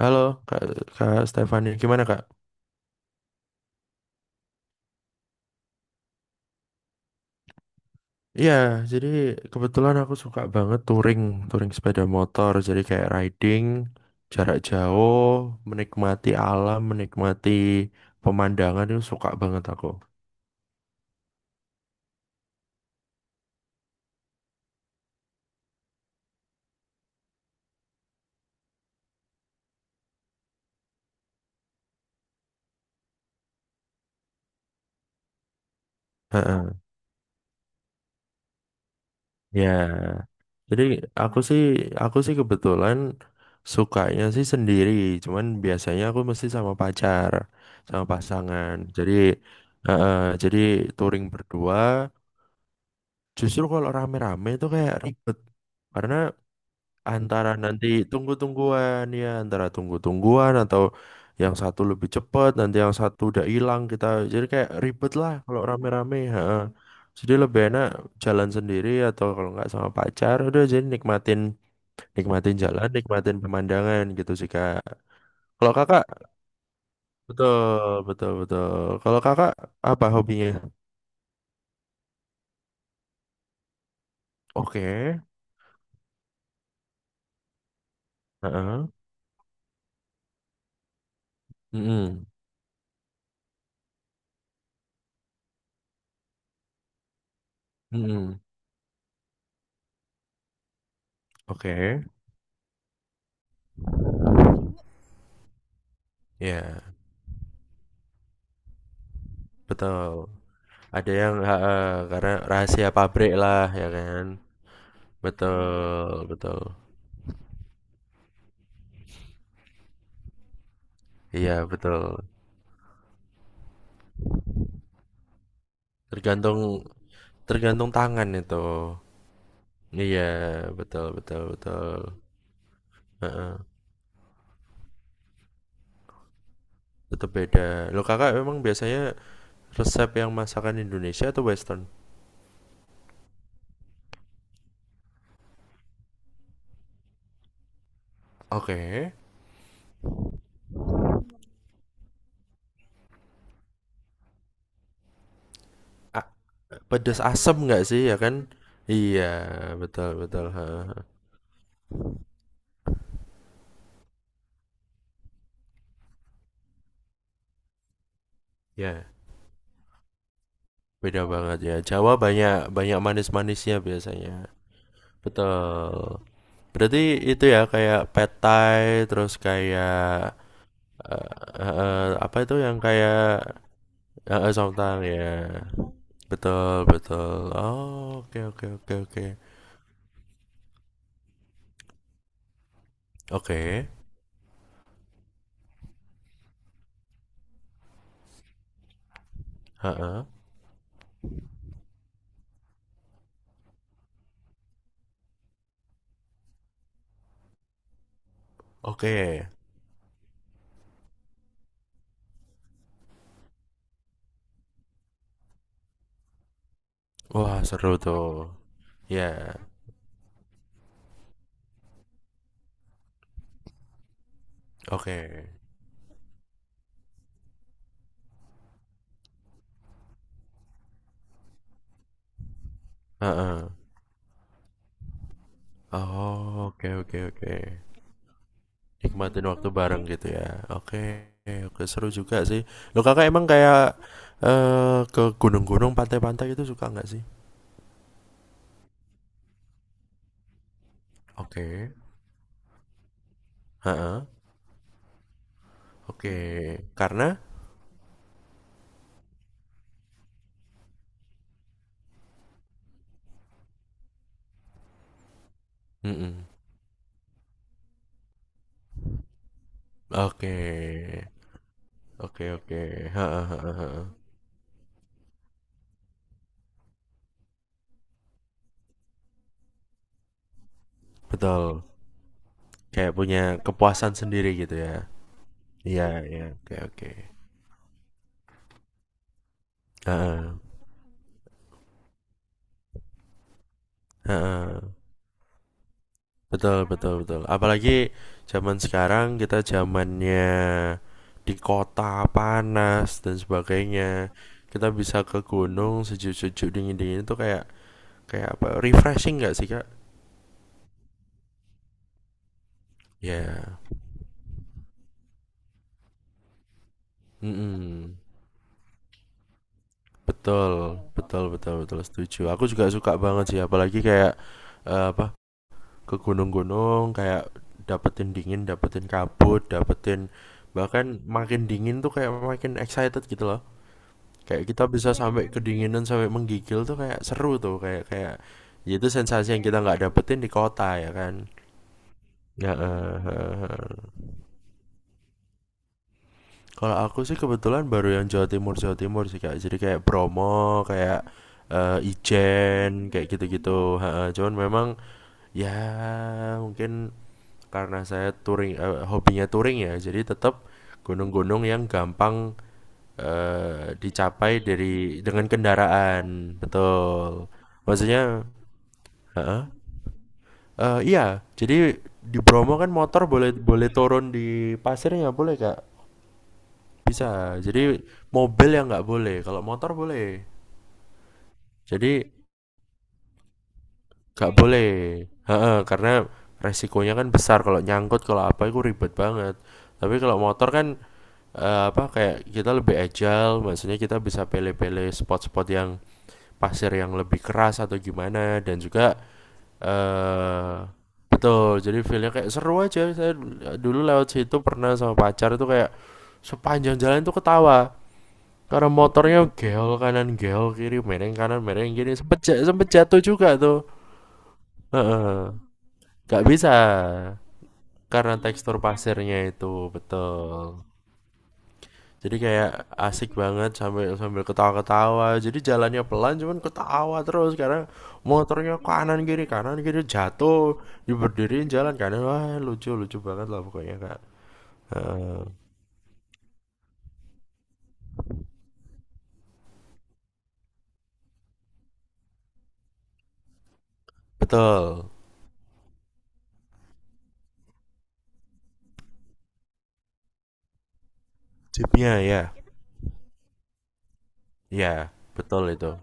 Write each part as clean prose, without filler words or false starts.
Halo Kak, Kak Stefani, gimana Kak? Iya, jadi kebetulan aku suka banget touring, touring sepeda motor. Jadi kayak riding, jarak jauh, menikmati alam, menikmati pemandangan itu suka banget aku. Heeh. Ya, jadi aku sih, aku sih kebetulan sukanya sih sendiri. Cuman biasanya aku mesti sama pacar, sama pasangan. Jadi, heeh, jadi touring berdua. Justru kalau rame-rame itu kayak ribet. Karena antara nanti tunggu-tungguan ya, antara tunggu-tungguan atau yang satu lebih cepat, nanti yang satu udah hilang kita. Jadi kayak ribet lah kalau rame-rame. Ha. Jadi lebih enak jalan sendiri atau kalau nggak sama pacar, udah jadi nikmatin nikmatin jalan, nikmatin pemandangan gitu sih Kak. Kalau Kakak, betul, betul, betul. Kalau Kakak apa hobinya? Oke. Heeh. Mm-mm. Mm-mm. Oke. Ya. Betul. Ada yang heeh, karena rahasia pabrik lah ya kan. Betul, betul. Iya, betul. Tergantung tergantung tangan itu. Iya, betul, betul, betul. Heeh. Tetap beda. Lo Kakak memang biasanya resep yang masakan Indonesia atau western? Oke. A-, pedes asem nggak sih ya kan? Iya, betul, betul. Heeh. Ya, beda banget ya. Jawa banyak banyak manis-manisnya biasanya. Betul. Berarti itu ya kayak pad thai, terus kayak apa itu yang kayak somtang ya. Betul, betul. Oh, oke, oke, oke, oke. Oke. Heeh. Oke. Wah, seru tuh. Ya. Oke. Heeh. Oh, oke, oke, oke. Nikmatin waktu bareng gitu ya. Oke. Oke, seru juga sih. Lo kakak emang kayak ke gunung-gunung, pantai-pantai itu suka nggak sih? Oke. Heeh, oke. Karena? Mhm. Oke. Oke, oke. Heeh, heeh, heeh. Betul. Kayak punya kepuasan sendiri gitu ya? Iya, iya, oke, oke. Heeh. Heeh. Betul, betul, betul. Apalagi zaman sekarang kita zamannya di kota, panas dan sebagainya. Kita bisa ke gunung sejuk-sejuk, dingin-dingin itu kayak kayak apa, refreshing nggak sih, Kak? Iya. Mhm. Betul, betul, betul, betul. Setuju. Aku juga suka banget sih, apalagi kayak eh, apa ke gunung-gunung, kayak dapetin dingin, dapetin kabut, dapetin bahkan makin dingin tuh kayak makin excited gitu loh. Kayak kita bisa sampai kedinginan sampai menggigil tuh kayak seru tuh, kayak kayak ya itu sensasi yang kita nggak dapetin di kota ya kan. Ya. Kalau aku sih kebetulan baru yang Jawa Timur sih kak. Jadi kayak Bromo, kayak eh, Ijen, kayak gitu-gitu. Ha, ha. Cuman memang ya mungkin karena saya touring, eh, hobinya touring ya. Jadi tetap gunung-gunung yang gampang dicapai dari dengan kendaraan, betul. Maksudnya, ha, eh, iya. Jadi di Bromo kan motor boleh boleh turun di pasirnya boleh kak, bisa jadi mobil yang nggak boleh kalau motor boleh, jadi nggak boleh. Heeh, karena resikonya kan besar kalau nyangkut kalau apa itu ribet banget, tapi kalau motor kan eh, apa kayak kita lebih agile maksudnya kita bisa pilih-pilih spot-spot yang pasir yang lebih keras atau gimana. Dan juga eh, betul, jadi feelnya kayak seru aja saya dulu lewat situ pernah sama pacar itu kayak sepanjang jalan tuh ketawa. Karena motornya geol kanan geol kiri mereng kanan mereng kiri sempet jatuh juga tuh. Heeh. Gak bisa karena tekstur pasirnya itu betul. Jadi kayak asik banget sambil sambil ketawa-ketawa. Jadi jalannya pelan cuman ketawa terus karena motornya kanan kiri jatuh diberdiriin jalan kanan wah lucu lucu banget lah pokoknya kak. Heeh. Betul. Jeepnya ya, ya betul itu.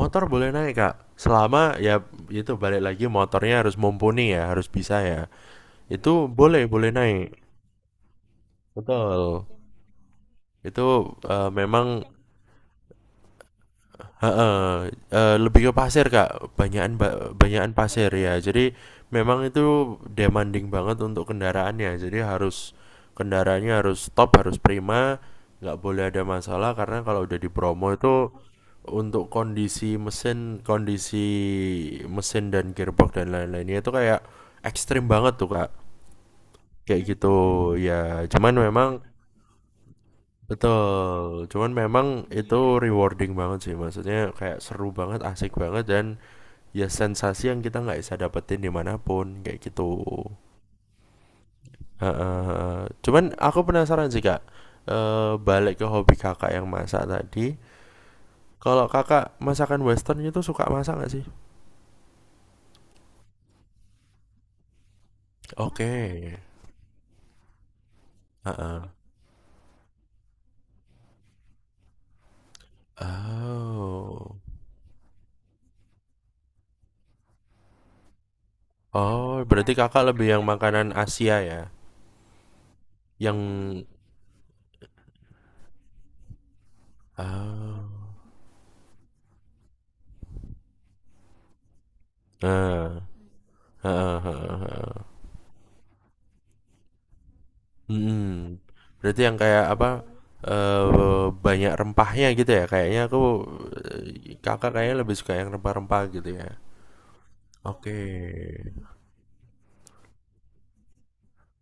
Motor boleh naik kak, selama ya itu balik lagi motornya harus mumpuni ya, harus bisa ya. Itu boleh boleh naik, betul. Itu eh, memang heeh, eh, lebih ke pasir Kak, banyakan banyakan pasir ya. Jadi memang itu demanding banget untuk kendaraannya. Jadi harus kendaraannya harus top, harus prima, nggak boleh ada masalah karena kalau udah di Bromo itu untuk kondisi mesin dan gearbox dan lain-lainnya itu kayak ekstrim banget tuh Kak. Kayak gitu ya. Cuman memang betul, cuman memang itu rewarding banget sih, maksudnya kayak seru banget, asik banget, dan ya sensasi yang kita nggak bisa dapetin dimanapun, kayak gitu. Heeh. Cuman aku penasaran sih kak. Eh, balik ke hobi kakak yang masak tadi, kalau kakak masakan western itu suka masak nggak sih? Oke, heeh. Oh, oh berarti kakak lebih yang makanan Asia ya, yang oh, eh, heeh, heeh, heeh. Mhm. Berarti yang kayak apa, banyak rempahnya gitu ya? Kayaknya aku, Kakak kayaknya lebih suka yang rempah-rempah gitu ya? Oke.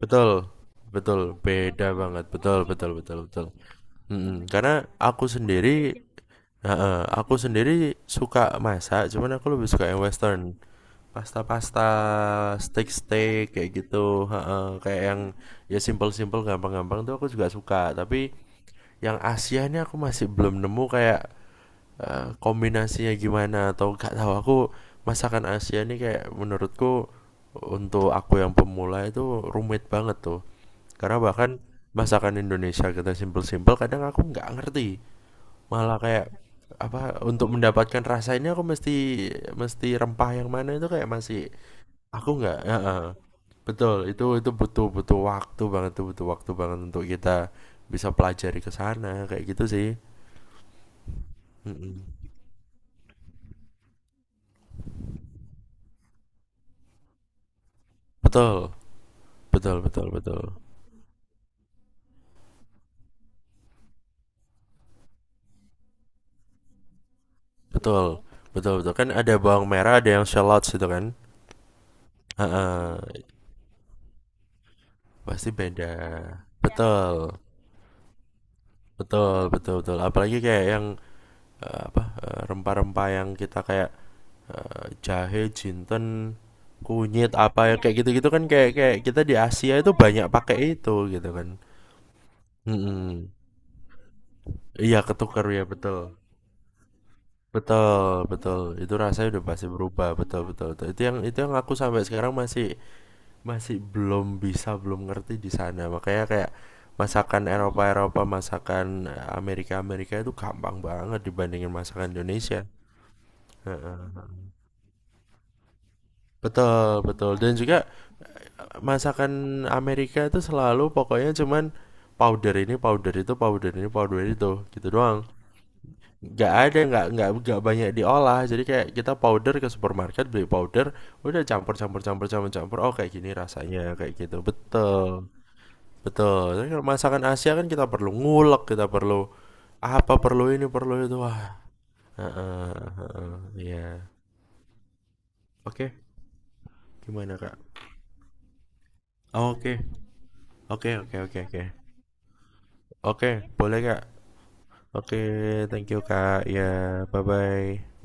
Betul, betul, beda banget, betul, betul, betul, betul. Mhm, karena aku sendiri heeh, aku sendiri suka masak, cuman aku lebih suka yang western. Pasta-pasta, steak-steak kayak gitu heeh, kayak yang ya simpel-simpel, gampang-gampang tuh aku juga suka, tapi yang Asia ini aku masih belum nemu kayak kombinasinya gimana atau gak tahu aku masakan Asia ini kayak menurutku untuk aku yang pemula itu rumit banget tuh karena bahkan masakan Indonesia kita simpel-simpel kadang aku nggak ngerti. Malah kayak apa untuk mendapatkan rasa ini aku mesti mesti rempah yang mana itu kayak masih aku nggak heeh. Betul, itu butuh butuh waktu banget tuh, butuh waktu banget untuk kita bisa pelajari ke sana kayak gitu sih. Mhm. Betul, betul, betul, betul. Betul, betul, betul. Kan ada bawang merah, ada yang shallots itu kan? Heeh, pasti beda. Betul, betul, betul, betul. Apalagi kayak yang eh, apa rempah-rempah yang kita kayak eh, jahe, jinten, kunyit apa ya kayak gitu-gitu kan kayak kayak kita di Asia itu banyak pakai itu gitu kan. Mm-mm. Iya ketukar ya betul. Betul, betul. Itu rasanya udah pasti berubah, betul, betul, betul. Itu yang aku sampai sekarang masih masih belum bisa, belum ngerti di sana. Makanya kayak masakan Eropa-Eropa, masakan Amerika-Amerika itu gampang banget dibandingin masakan Indonesia. Heeh. Betul, betul. Dan juga masakan Amerika itu selalu pokoknya cuman powder ini powder itu powder ini powder itu gitu doang, nggak ada nggak banyak diolah jadi kayak kita powder ke supermarket beli powder udah campur campur campur campur campur oh kayak gini rasanya kayak gitu betul, betul. Tapi kalau masakan Asia kan kita perlu ngulek kita perlu apa perlu ini perlu itu wah. Heeh, heeh, iya, oke, gimana kak. Oh, oke, oke, oke, oke, oke, oke, boleh kak. Oke, thank you Kak. Ya, bye-bye.